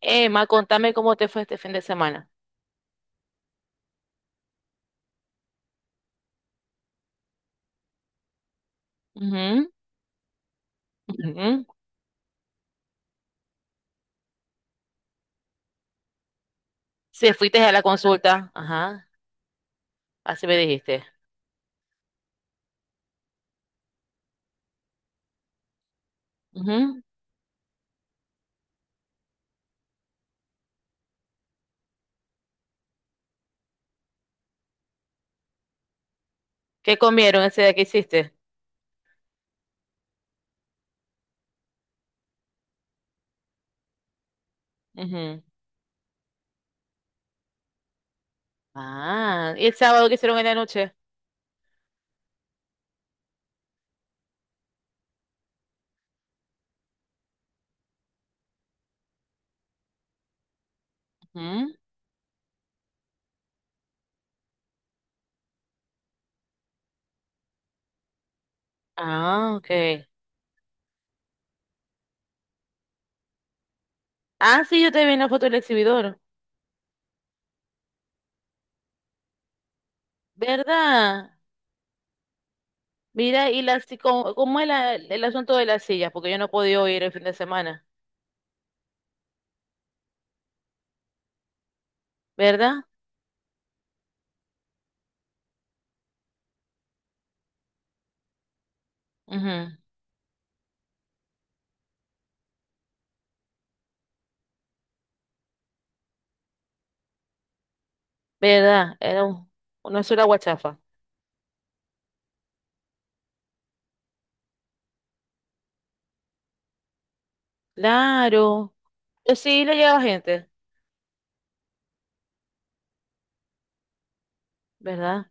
Emma, contame cómo te fue este fin de semana. Ujú, ujú. Si fuiste a la consulta, ajá, así me dijiste. Ujú. ¿Qué comieron ese día que hiciste? Ujú. Ah, ¿y el sábado que hicieron en la noche? Ujú. Ah, ok. Ah, sí, yo te vi en la foto del exhibidor, ¿verdad? Mira, y la, si- cómo, cómo es el asunto de las sillas, porque yo no he podido ir el fin de semana, ¿verdad? Ujú. ¿Verdad? Era un- una sola guachafa. Claro, pero sí le llegaba gente. ¿Verdad?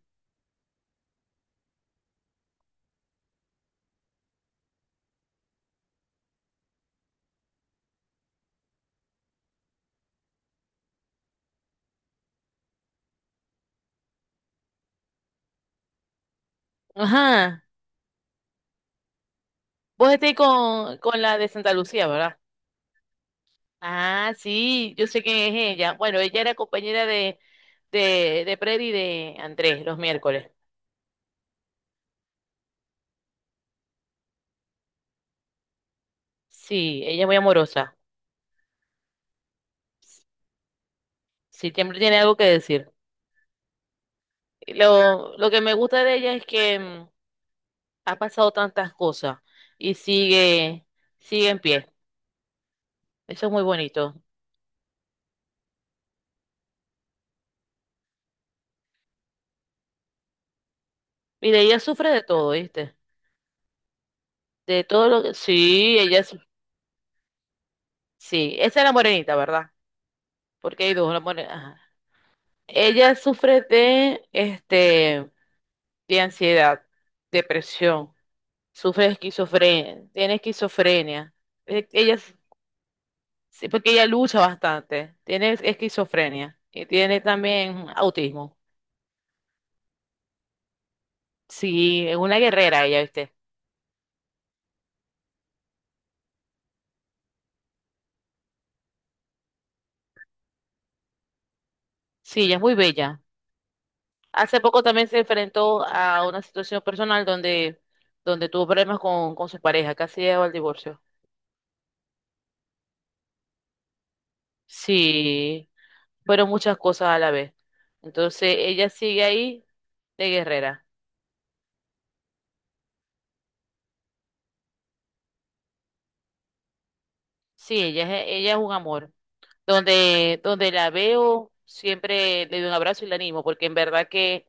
Ajá. Vos estés con la de Santa Lucía, ¿verdad? Ah, sí, yo sé quién es ella. Bueno, ella era compañera de Freddy y de Andrés los miércoles. Sí, ella es muy amorosa. Sí, siempre tiene algo que decir. Lo que me gusta de ella es que ha pasado tantas cosas y sigue, sigue en pie. Eso es muy bonito. Mire, ella sufre de todo, ¿viste? De todo lo que... Sí, ella... su- Sí, esa es la morenita, ¿verdad? Porque hay dos, la morenita. Ella sufre de, este, de ansiedad, depresión, sufre de esquizofrenia, tiene esquizofrenia. Ella, s- sí, porque ella lucha bastante, tiene esquizofrenia y tiene también autismo. Sí, es una guerrera ella, ¿viste? Sí, ella es muy bella. Hace poco también se enfrentó a una situación personal donde, donde tuvo problemas con su pareja, casi llegó al divorcio. Sí, fueron muchas cosas a la vez. Entonces ella sigue ahí de guerrera. Sí, ella es un amor. Donde, donde la veo, siempre le doy un abrazo y la animo, porque en verdad que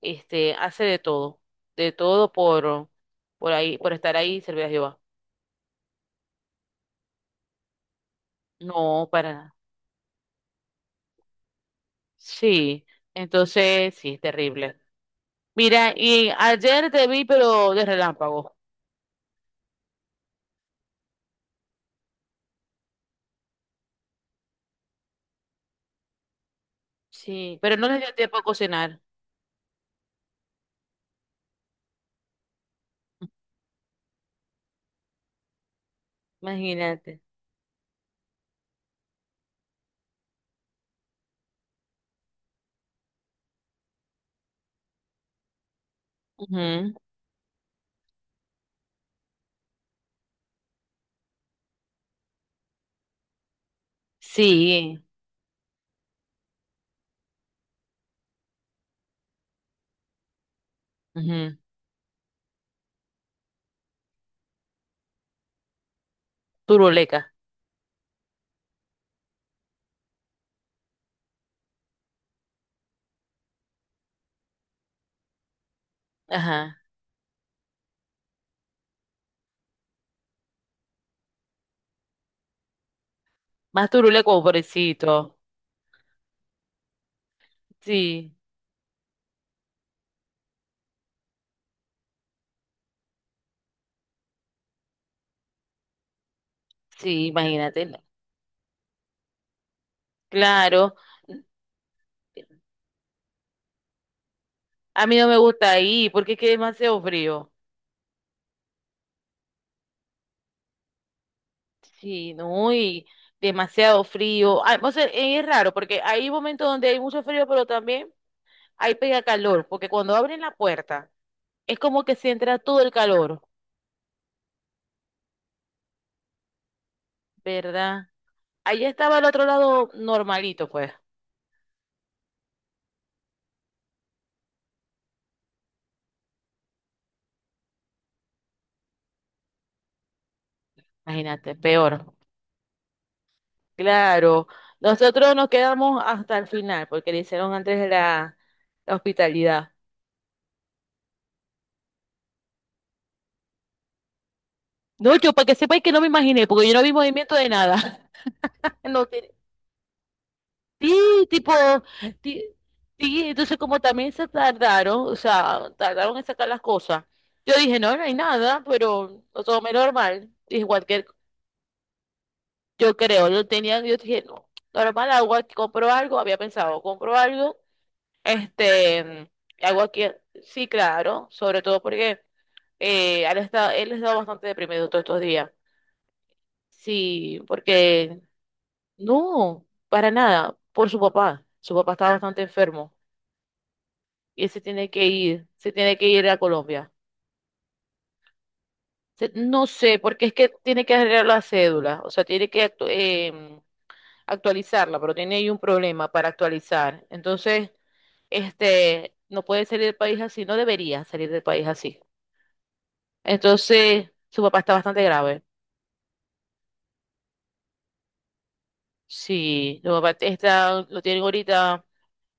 este, hace de todo por ahí, por estar ahí y servir a Jehová. No, para nada. Sí, entonces sí, es terrible. Mira, y ayer te vi, pero de relámpago. Sí, pero no les dio tiempo a cocinar. Imagínate. Ujú. Sí, ujú. Turuleca. Ajá. Más turuleco, pobrecito. Sí, sí, imagínate. No. Claro, a mí no me gusta ahí porque es que es demasiado frío. Sí, no, y demasiado frío. Ah, o sea, es raro porque hay momentos donde hay mucho frío, pero también hay pega calor, porque cuando abren la puerta es como que se entra todo el calor, ¿verdad? Allá estaba el otro lado normalito, pues, imagínate, peor. Claro, nosotros nos quedamos hasta el final porque le hicieron antes la hospitalidad. No, yo para que sepáis que no me imaginé, porque yo no vi movimiento de nada. No, te- sí, tipo, ti- sí, entonces como también se tardaron, o sea, tardaron en sacar las cosas. Yo dije, no, no hay nada, pero lo tomé normal. Dije, cualquier, yo creo, yo tenía, yo dije, no, normal, hago aquí, compro algo, había pensado, compro algo, este, hago aquí, sí, claro, sobre todo porque él está bastante deprimido todos estos días. Sí, porque no, para nada, por su papá. Su papá está bastante enfermo y él se tiene que ir, se tiene que ir a Colombia. Se- no sé, porque es que tiene que arreglar la cédula, o sea, tiene que actualizarla, pero tiene ahí un problema para actualizar. Entonces, este, no puede salir del país así, no debería salir del país así. Entonces, su papá está bastante grave. Sí, su papá está, lo tienen ahorita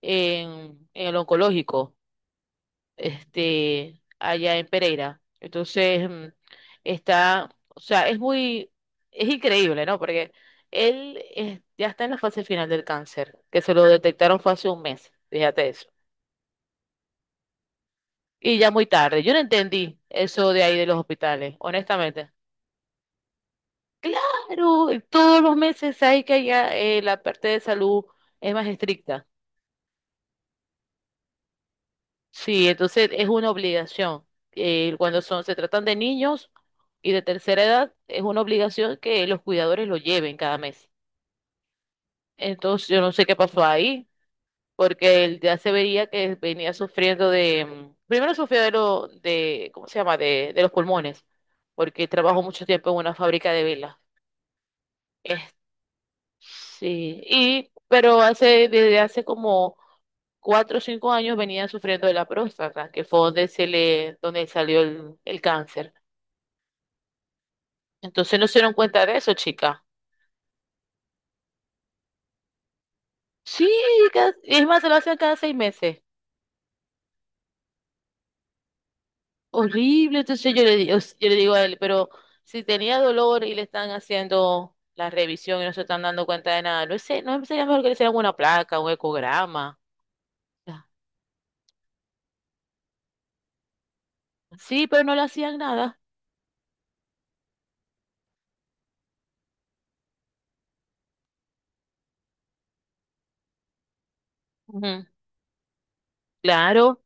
en el oncológico, este, allá en Pereira. Entonces, está, o sea, es muy, es increíble, ¿no? Porque él ya está en la fase final del cáncer, que se lo detectaron fue hace un mes, fíjate eso. Y ya muy tarde, yo no entendí eso de ahí de los hospitales, honestamente. Claro, todos los meses hay que allá la parte de salud es más estricta. Sí, entonces es una obligación. Cuando son, se tratan de niños y de tercera edad, es una obligación que los cuidadores lo lleven cada mes. Entonces yo no sé qué pasó ahí, porque él ya se veía que venía sufriendo de, primero sufrió de lo, de, ¿cómo se llama? De los pulmones, porque trabajó mucho tiempo en una fábrica de velas. Sí, y, pero hace, desde hace como 4 o 5 años venía sufriendo de la próstata, que fue donde se le, donde salió el cáncer. Entonces no se dieron cuenta de eso, chica. Sí, cada- es más, se lo hacen cada 6 meses. Horrible. Entonces yo le, di- yo le digo a él, pero si tenía dolor y le están haciendo la revisión y no se están dando cuenta de nada, no sé, no sería mejor que le hicieran una placa, un ecograma. Ya. Sí, pero no le hacían nada. Ujú. Claro.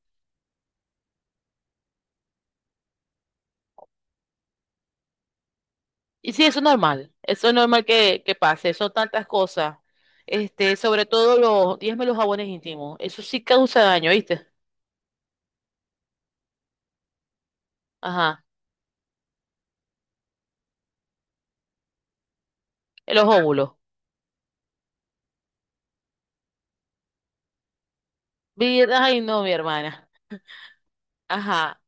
Y sí, eso es normal que pase, son tantas cosas, este, sobre todo los, dígame los jabones íntimos, eso sí causa daño, ¿viste? Ajá, en los óvulos. Vi- Ay, no, mi hermana. Ajá,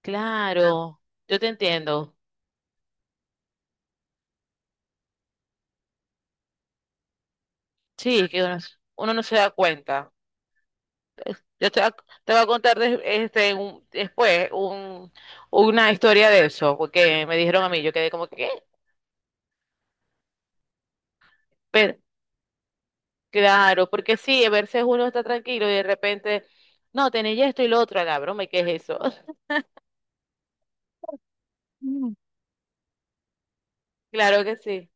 claro, yo te entiendo. Sí, que uno, uno no se da cuenta. Yo te, va- te voy a contar des- este, un- después un, una historia de eso, porque me dijeron a mí, yo quedé como que, ¿qué? Claro, porque sí, a veces uno está tranquilo y de repente, no, tenéis esto y lo otro, a la broma, ¿y qué es eso? Mm. Claro que sí.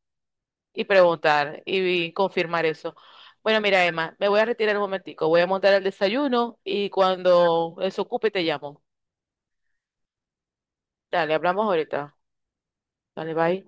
Y preguntar y confirmar eso. Bueno, mira, Emma, me voy a retirar un momentico, voy a montar el desayuno y cuando eso ocupe te llamo. Dale, hablamos ahorita. Dale, bye.